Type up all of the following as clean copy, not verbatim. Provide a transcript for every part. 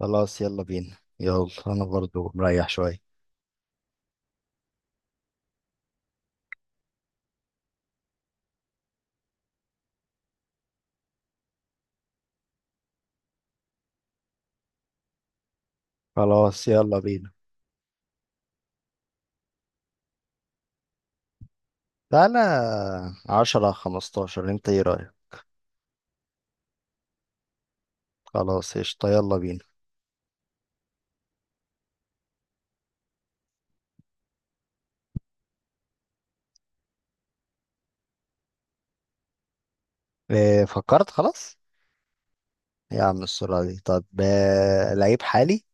خلاص، يلا بينا، يلا، انا برضو مريح شوية. خلاص، يلا بينا. تعالى، عشرة خمستاشر، انت ايه رأيك؟ خلاص، قشطة، يلا بينا. إيه، فكرت خلاص؟ يا عم، السرعة دي! طب، لعيب حالي.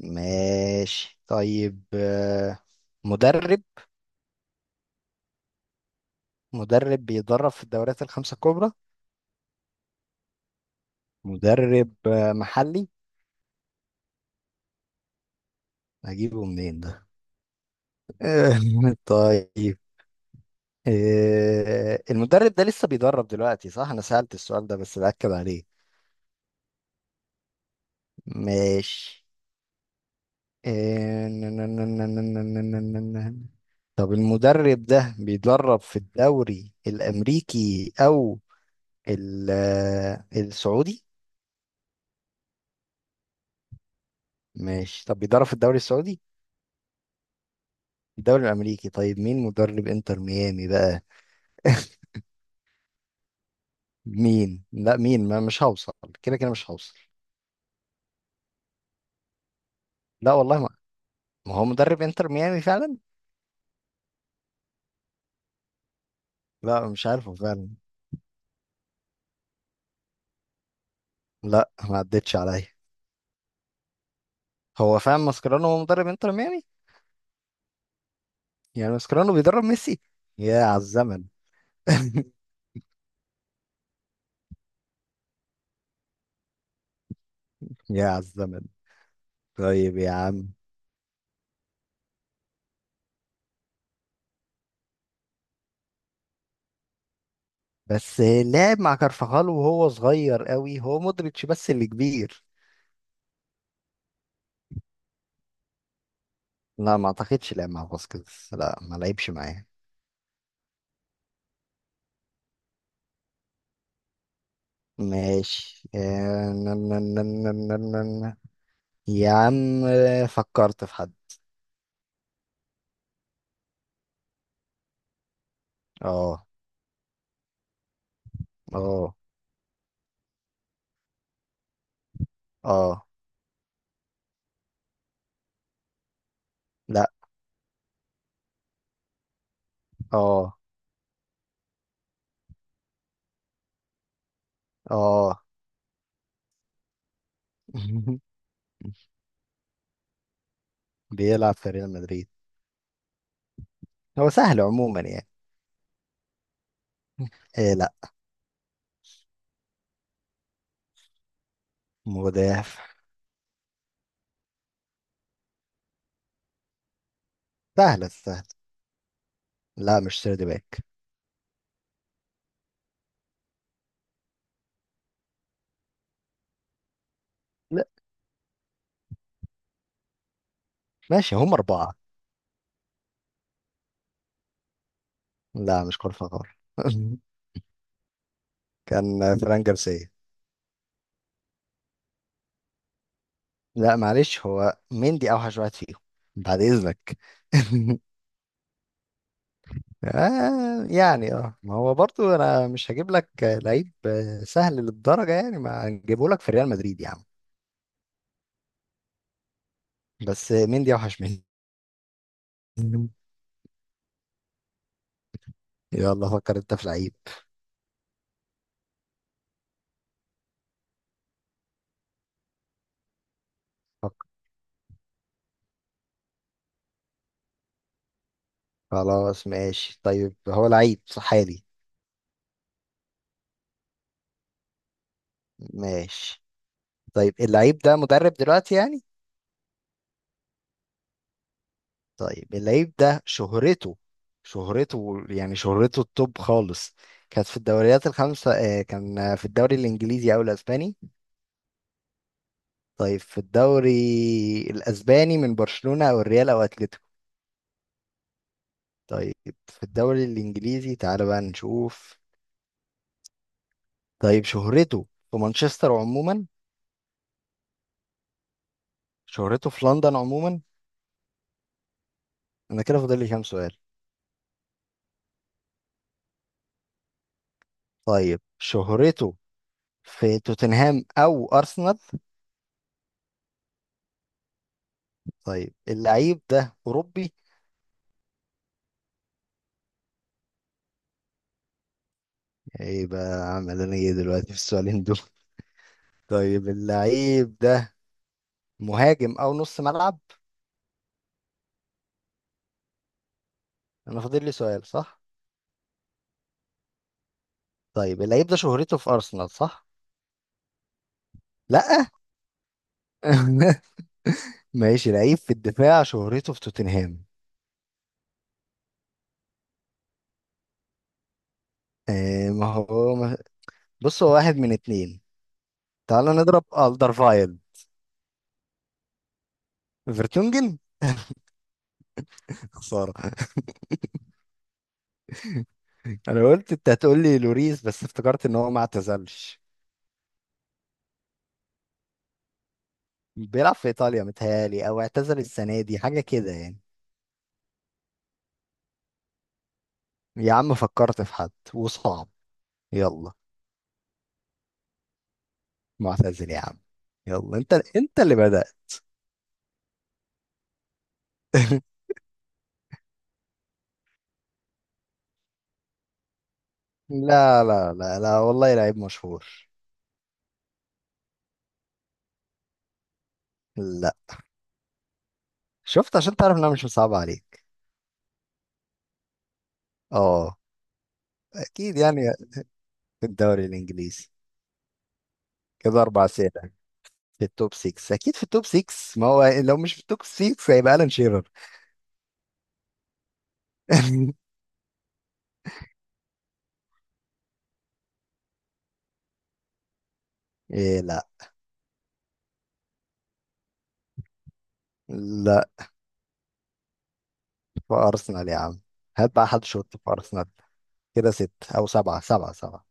ماشي، طيب، مدرب. مدرب بيدرب في الدوريات الخمسة الكبرى؟ مدرب محلي؟ هجيبه منين ده؟ طيب. إيه، المدرب ده لسه بيدرب دلوقتي صح؟ أنا سألت السؤال ده بس بأكد عليه. ماشي. إيه، طب المدرب ده بيدرب في الدوري الأمريكي أو السعودي؟ ماشي. طب بيدرب في الدوري السعودي؟ الدوري الأمريكي. طيب، مين مدرب إنتر ميامي بقى؟ مين؟ لا، مين؟ ما مش هوصل. كده كده مش هوصل. لا والله، ما. ما هو مدرب إنتر ميامي فعلا؟ لا، مش عارفه فعلا. لا، ما عدتش عليا. هو فاهم، ماسكرانو هو مدرب انتر ميامي. يعني ماسكرانو بيدرب ميسي. يا على الزمن! يا على الزمن! طيب، يا عم. بس لعب مع كارفاخال وهو صغير قوي. هو مودريتش بس اللي كبير. لا، ما اعتقدش لعب مع فاسكيز. لا، ما لعبش معاه. ماشي. آه، نا- نا- نا- نا- نا- نا- نا. يا عم، فكرت في حد. اه، اه، اه. لا. اه، اه. بيلعب في ريال مدريد. هو سهل عموما يعني. إيه، لا. مدافع. سهلة سهلة. لا، مش سيرد باك. لا. ماشي، هم أربعة. لا، مش كارفاخال. كان فران جارسيا. لا، معلش، هو مندي أوحش واحد فيهم. بعد إذنك. آه، يعني ما هو برضو أنا مش هجيب لك لعيب. سهل للدرجة يعني ما هنجيبه لك في ريال مدريد يا عم. بس مندي أوحش منه. يلا، فكر أنت في لعيب. فكر. خلاص. ماشي، طيب، هو لعيب صح حالي؟ ماشي. طيب، اللعيب ده مدرب دلوقتي يعني؟ طيب، اللعيب ده شهرته، شهرته يعني شهرته التوب خالص، كانت في الدوريات الخمسة، كان في الدوري الإنجليزي أو الأسباني؟ طيب، في الدوري الأسباني، من برشلونة أو الريال أو أتلتيكو؟ طيب، في الدوري الإنجليزي تعالى بقى نشوف. طيب، شهرته في مانشستر عموما؟ شهرته في لندن عموما؟ أنا كده فاضل لي كام سؤال؟ طيب، شهرته في توتنهام أو أرسنال؟ طيب، اللعيب ده أوروبي؟ ايه بقى عامل انا ايه دلوقتي في السؤالين دول؟ طيب، اللعيب ده مهاجم او نص ملعب؟ انا فاضل لي سؤال صح؟ طيب، اللعيب ده شهرته في ارسنال، صح؟ لا. ماشي، لعيب في الدفاع شهرته في توتنهام؟ إيه، ما هو ما... بص، هو واحد من اتنين. تعالى نضرب الدرفايل. فيرتونجن. خسارة. انا قلت انت هتقول لي لوريس بس افتكرت ان هو ما اعتزلش. بيلعب في ايطاليا متهيالي، او اعتزل السنة دي، حاجة كده يعني. يا عم، فكرت في حد وصعب؟ يلا. معتزل يا عم. يلا، انت اللي بدأت. لا، لا، لا، لا، والله لعيب مشهور. لا. شفت، عشان تعرف ان انا مش مصعب عليك. اه، اكيد يعني. في الدوري الانجليزي. كده اربع اسئله. في التوب 6، اكيد في التوب 6، ما هو لو مش في التوب 6 هيبقى الان شيرر. إيه، لا. لا، في ارسنال يا عم. هات بقى حد شوط في ارسنال. كده ست، او سبعه، سبعه، سبعه.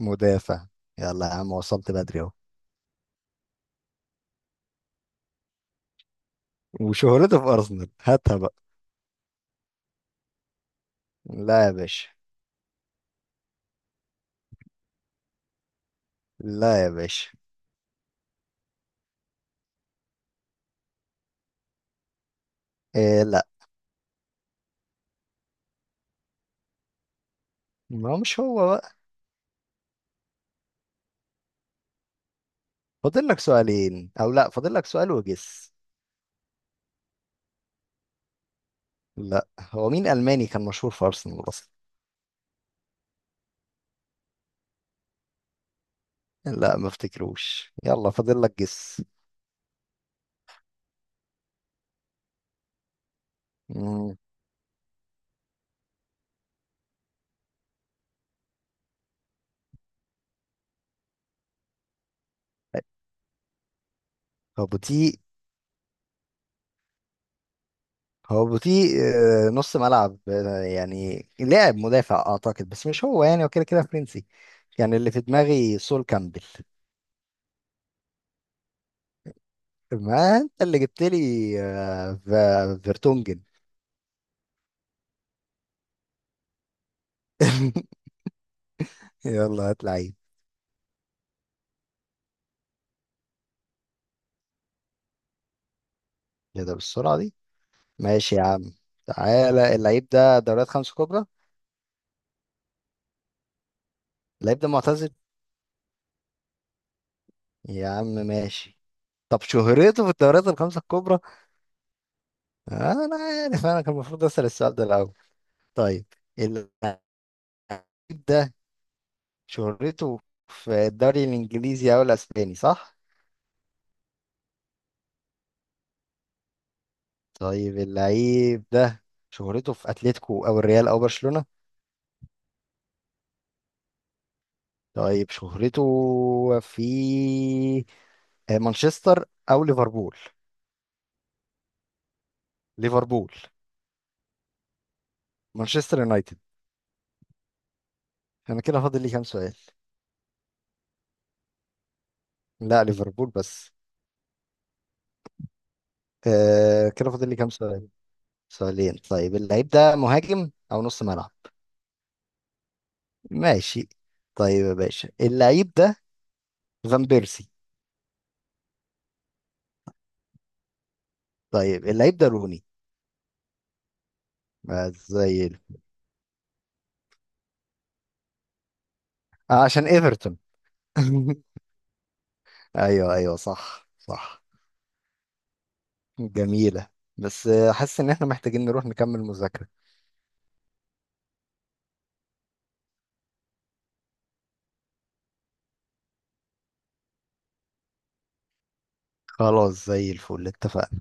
مدافع. يلا يا عم، وصلت بدري اهو. وشهرته في ارسنال، هاتها بقى. لا يا باشا. لا يا باشا. إيه، لا. ما هو مش هو بقى. فاضل لك سؤالين، او لا فاضل لك سؤال وجس. لا، هو مين الماني كان مشهور في ارسنال اصلا؟ لا، ما افتكروش. يلا، فاضل لك جس. مم. هو بوتي؟ هو بوتي. نص ملعب، يعني لاعب مدافع اعتقد، بس مش هو يعني، هو كده كده فرنسي. يعني اللي في دماغي سول كامبل. ما انت اللي جبت لي. فيرتونجن. يلا، هات لعيب. ايه ده بالسرعة دي؟ ماشي يا عم. تعالى، اللعيب ده دوريات خمسة كبرى؟ اللعيب ده معتزل؟ يا عم، ماشي. طب شهرته في الدوريات الخمسة الكبرى؟ انا عارف، انا كان المفروض اسأل السؤال ده الاول. طيب، اللعيب ده شهرته في الدوري الانجليزي او الاسباني، صح؟ طيب، اللعيب ده شهرته في اتلتيكو او الريال او برشلونة؟ طيب، شهرته في مانشستر او ليفربول؟ ليفربول؟ مانشستر يونايتد؟ انا كده فاضل لي كام سؤال؟ لا، ليفربول بس. آه، كده فاضل لي كام سؤال؟ سؤالين. طيب، اللعيب ده مهاجم او نص ملعب؟ ماشي. طيب يا باشا، اللعيب ده فان بيرسي؟ طيب، اللعيب ده روني؟ آه، زي ال- آه، عشان ايفرتون. ايوه، ايوه، صح، صح. جميلة. بس حاسس ان احنا محتاجين نروح نكمل مذاكرة. خلاص، زي الفل، اتفقنا.